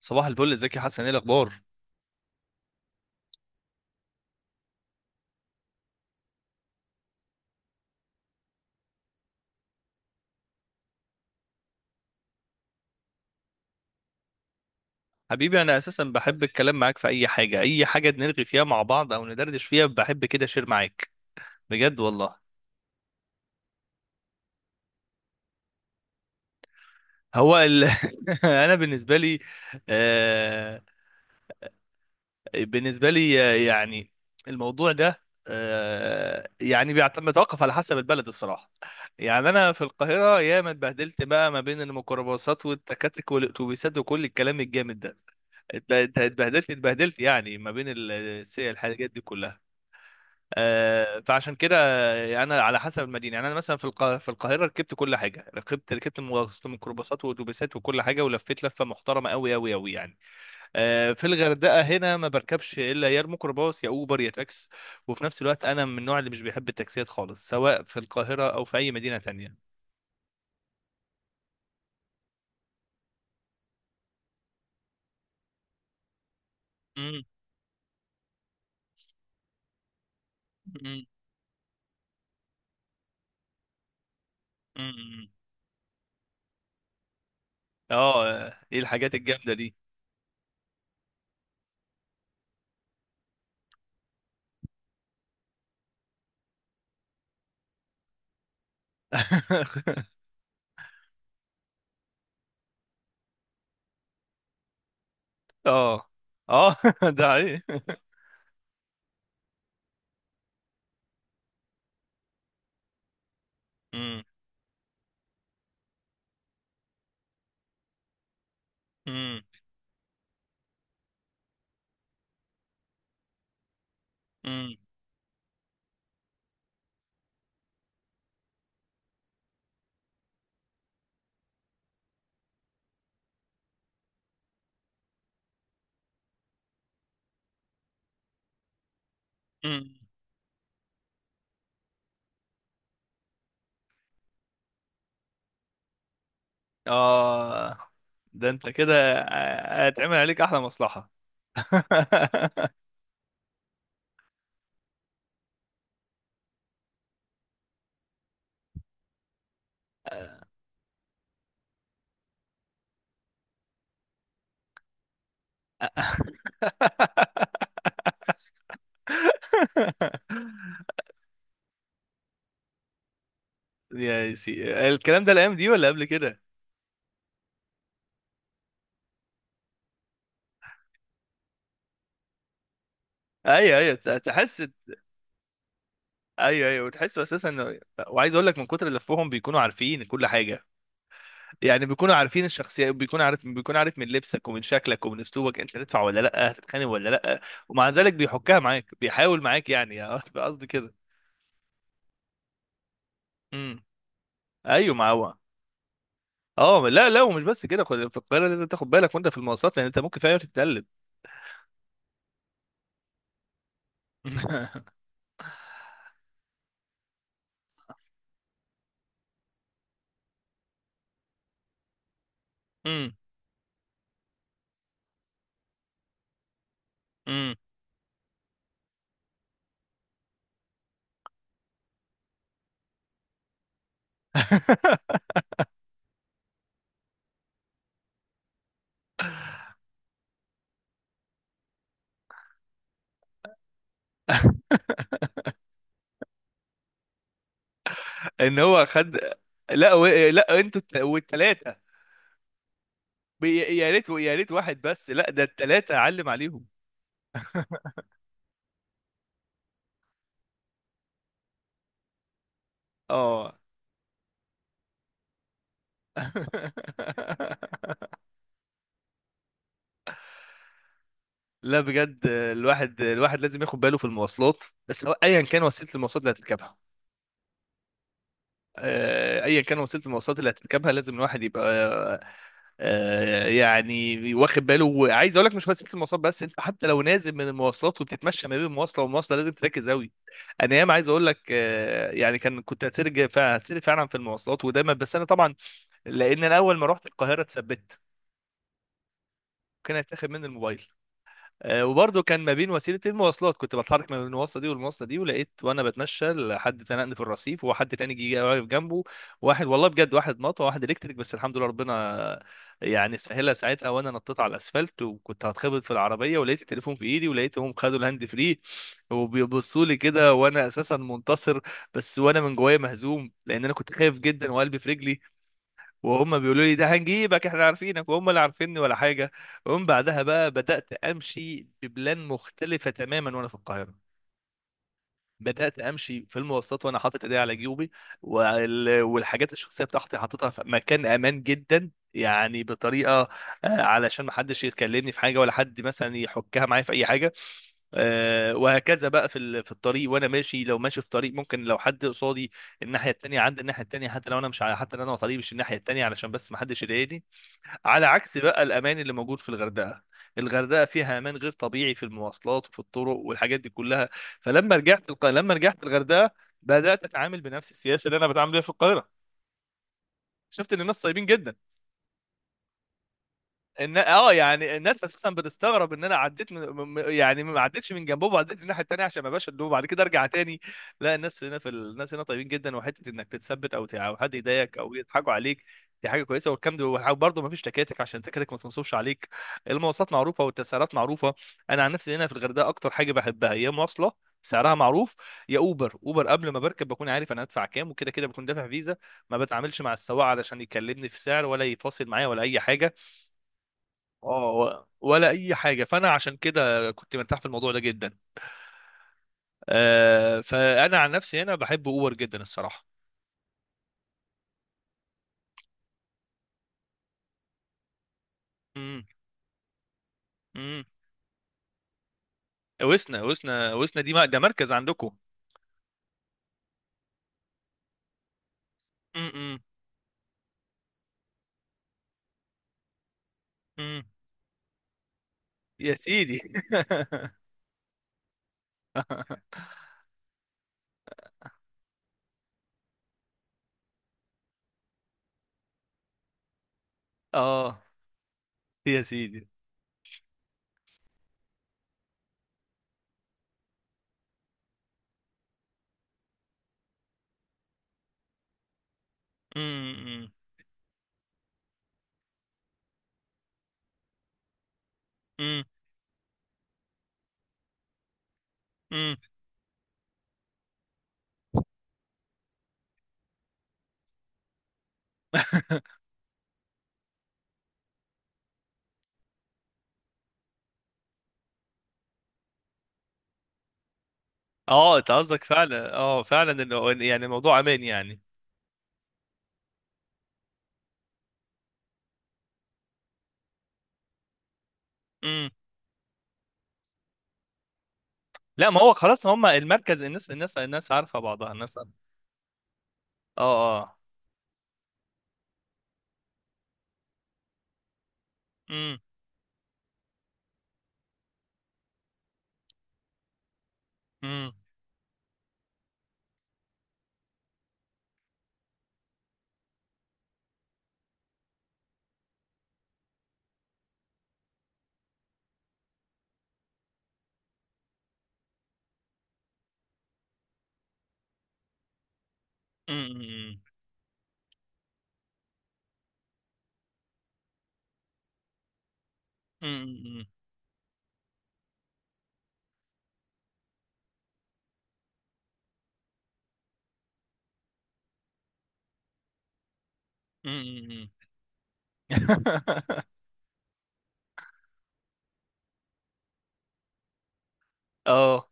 صباح الفل، ازيك يا حسن؟ ايه الاخبار؟ حبيبي، انا اساسا بحب الكلام معاك في اي حاجه، اي حاجه نلغي فيها مع بعض او ندردش فيها، بحب كده اشير معاك. بجد والله. هو ال... انا بالنسبه لي آه... بالنسبه لي يعني الموضوع ده يعني بيعتمد يتوقف على حسب البلد الصراحه. يعني انا في القاهره ياما اتبهدلت بقى ما بين الميكروباصات والتكاتك والاتوبيسات وكل الكلام الجامد ده. اتب- اتبهدلت يعني ما بين الحاجات دي كلها. فعشان كده انا على حسب المدينه، يعني انا مثلا في في القاهره ركبت كل حاجه، ركبت ميكروباصات واتوبيسات وكل حاجه، ولفيت لفه محترمه قوي قوي قوي يعني. في الغردقه هنا ما بركبش الا يا الميكروباص يا اوبر يا تاكس. وفي نفس الوقت انا من النوع اللي مش بيحب التاكسيات خالص، سواء في القاهره او في اي مدينه تانية. مم، مم، مم. اه، ايه الحاجات الجامده دي؟ اه اه، ده ايه؟ مم. مم. مم. مم. اه، ده انت كده هيتعمل عليك احلى مصلحة. يا سي، الكلام ده الايام دي ولا قبل كده؟ ايوه ايوه، تحس. ايوه ايوه، وتحسوا اساسا انه، وعايز اقول لك من كتر لفهم بيكونوا عارفين كل حاجه. يعني بيكونوا عارفين الشخصيه، بيكون عارف من لبسك ومن شكلك ومن اسلوبك انت هتدفع ولا لا، هتتخانق ولا لا. ومع ذلك بيحكها معاك بيحاول معاك يعني. قصدي كده. امم. ايوه ما هو. اه، لا لا، ومش بس كده، في القاهره لازم تاخد بالك وانت في المواصلات، لان انت ممكن في اي وقت تتقلب. امم. امم. ان هو خد. لا انتوا والتلاته. يا ريت يا ريت واحد بس، لا ده التلاته اعلم عليهم. اه. لا بجد، الواحد لازم ياخد باله في المواصلات، بس هو ايا كان وسيله المواصلات اللي هتركبها، ايا كان وسيله المواصلات اللي هتركبها لازم الواحد يبقى يعني واخد باله. وعايز اقول لك مش وسيله المواصلات بس، انت حتى لو نازل من المواصلات وبتتمشى ما بين مواصله ومواصله لازم تركز قوي. انا ياما عايز اقول لك يعني كنت هتسرج فعلا، هتسرج فعلا في المواصلات ودايما. بس انا طبعا، لان انا اول ما رحت القاهره اتثبت، كان هيتاخد مني الموبايل. وبرضه كان ما بين وسيله المواصلات كنت بتحرك ما بين المواصله دي والمواصله دي، ولقيت وانا بتمشى حد زنقني في الرصيف، وحد تاني جه واقف جنبه. واحد والله بجد، واحد مطوه واحد الكتريك، بس الحمد لله ربنا يعني سهلها ساعتها، وانا نطيت على الاسفلت، وكنت هتخبط في العربيه، ولقيت التليفون في ايدي، ولقيتهم خدوا الهاند فري، وبيبصوا لي كده وانا اساسا منتصر، بس وانا من جوايا مهزوم، لان انا كنت خايف جدا وقلبي في رجلي. وهم بيقولوا لي ده هنجيبك احنا عارفينك، وهم اللي عارفيني ولا حاجه. ومن بعدها بقى بدات امشي ببلان مختلفه تماما وانا في القاهره. بدأت أمشي في المواصلات وأنا حاطط إيدي على جيوبي، والحاجات الشخصية بتاعتي حاططها في مكان أمان جدا، يعني بطريقة، علشان ما حدش يكلمني في حاجة ولا حد مثلا يحكها معايا في أي حاجة. وهكذا بقى في في الطريق وأنا ماشي، لو ماشي في طريق ممكن لو حد قصادي الناحية التانية عند الناحية التانية، حتى لو أنا مش ع- حتى لو أنا على طريق مش الناحية التانية علشان بس ما حدش يضايقني. على عكس بقى الامان اللي موجود في الغردقه. الغردقه فيها امان غير طبيعي في المواصلات وفي الطرق والحاجات دي كلها. لما رجعت الغردقه، بدات اتعامل بنفس السياسه اللي انا بتعامل بيها في القاهره. شفت ان الناس طيبين جدا. ان اه يعني الناس اساسا بتستغرب ان انا عديت يعني ما عديتش من جنبهم، وعديت من الناحيه التانيه عشان ما بقاش ادوه بعد كده ارجع تاني. لا، الناس هنا في الناس هنا طيبين جدا، وحته انك تتثبت او او حد يضايقك او يضحكوا عليك. دي حاجه كويسه، والكلام ده برضه ما فيش تكاتك عشان التكاتك ما تنصبش عليك. المواصلات معروفه والتسعيرات معروفه. انا عن نفسي هنا في الغردقه اكتر حاجه بحبها يا مواصله سعرها معروف يا اوبر. اوبر قبل ما بركب بكون عارف انا هدفع كام، وكده كده بكون دافع فيزا. ما بتعاملش مع السواق علشان يكلمني في سعر ولا يفاصل معايا ولا اي حاجه. اه، ولا اي حاجه. فانا عشان كده كنت مرتاح في الموضوع ده جدا. آه، فانا عن نفسي هنا بحب اوبر جدا الصراحه. امم. امم. وسنا دي ما ده مركز عندكم؟ امم. امم. يا سيدي. اه يا سيدي. امم. امم. امم. اه، انت قصدك فعلا، اه فعلا، يعني الموضوع امان يعني. امم. لا، ما هو خلاص هم المركز، الناس عارفه بعضها، الناس عارفة. اه اه. امم. امم. امم. امم. اه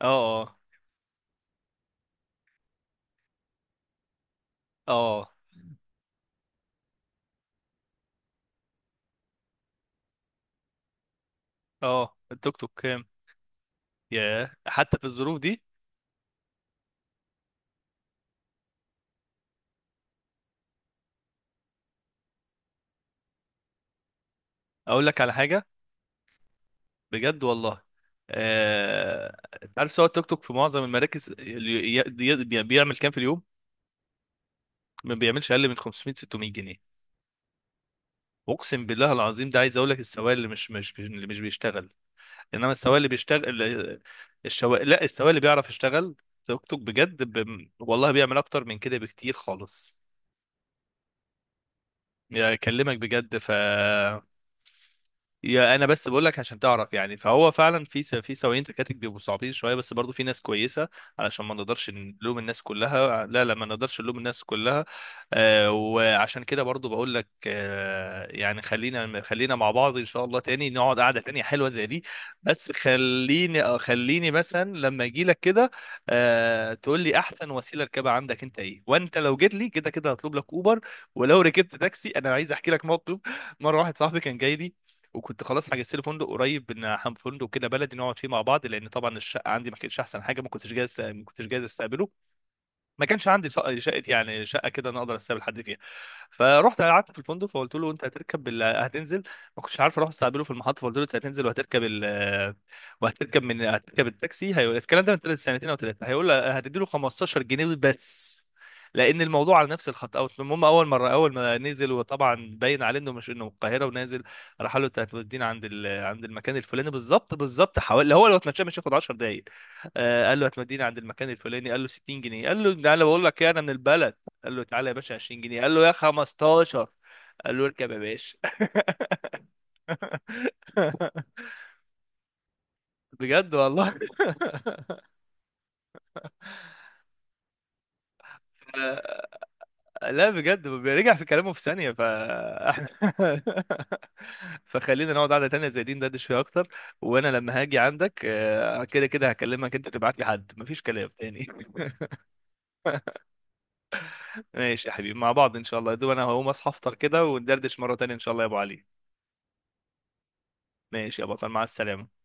اه. اه اه. التوك توك كام؟ ياه، حتى في الظروف دي. اقول لك على حاجه. بجد والله. آه... انت عارف سواق التوك توك في معظم المراكز اللي بيعمل كام في اليوم؟ ما بيعملش اقل من 500 600 جنيه. اقسم بالله العظيم. ده عايز اقول لك السواق اللي مش مش بي- اللي مش بيشتغل، انما السواق اللي بيشتغل. لا، السواق اللي بيعرف يشتغل توك توك بجد والله بيعمل اكتر من كده بكتير خالص. يا اكلمك بجد يا انا بس بقول لك عشان تعرف، يعني فهو فعلا في في سواقين تكاتك بيبقوا صعبين شويه، بس برضو في ناس كويسه، علشان ما نقدرش نلوم الناس كلها. لا لا، ما نقدرش نلوم الناس كلها. آه، وعشان كده برضو بقول لك آه، يعني خلينا مع بعض ان شاء الله تاني نقعد قعده تانية حلوه زي دي. بس خليني آه، خليني مثلا لما اجي لك كده، آه، تقول لي احسن وسيله ركبها عندك انت ايه، وانت لو جيت لي كده كده هطلب لك اوبر. ولو ركبت تاكسي، انا عايز احكي لك موقف. مره واحد صاحبي كان جاي لي، وكنت خلاص حجزت لي فندق قريب، فندق كده بلدي نقعد فيه مع بعض، لان طبعا الشقه عندي ما كانتش احسن حاجه، ما كنتش جاهز استقبله. ما كانش عندي شقه، يعني شقه كده انا اقدر استقبل حد فيها. فرحت قعدت في الفندق، فقلت له انت هتنزل. ما كنتش عارف اروح استقبله في المحطه، فقلت له انت هتنزل وهتركب من هتركب التاكسي، هيقول الكلام ده من ثلاث سنتين او ثلاثه، هيقول لي هتديله 15 جنيه بس لان الموضوع على نفس الخط. اوت، المهم اول مره اول ما نزل، وطبعا باين عليه انه مش انه من القاهره ونازل، راح قال له انت عند المكان الفلاني بالظبط بالظبط، حوالي هو لو اتمشى مش هياخد 10 دقائق. آه، قال له هتوديني عند المكان الفلاني، قال له 60 جنيه، قال له تعالى بقول لك ايه انا من البلد، قال له تعالى يا باشا 20 جنيه، قال له يا 15، قال له اركب يا باشا. بجد والله. لا بجد، بيرجع في كلامه في ثانية. فخلينا نقعد قعدة تانية زي دي ندردش فيها أكتر. وأنا لما هاجي عندك آه، كده كده هكلمك، أنت تبعت لي حد، مفيش كلام تاني. ماشي يا حبيبي، مع بعض إن شاء الله. يا دوب أنا هقوم أصحى أفطر كده وندردش مرة تانية إن شاء الله يا أبو علي. ماشي يا بطل، مع السلامة.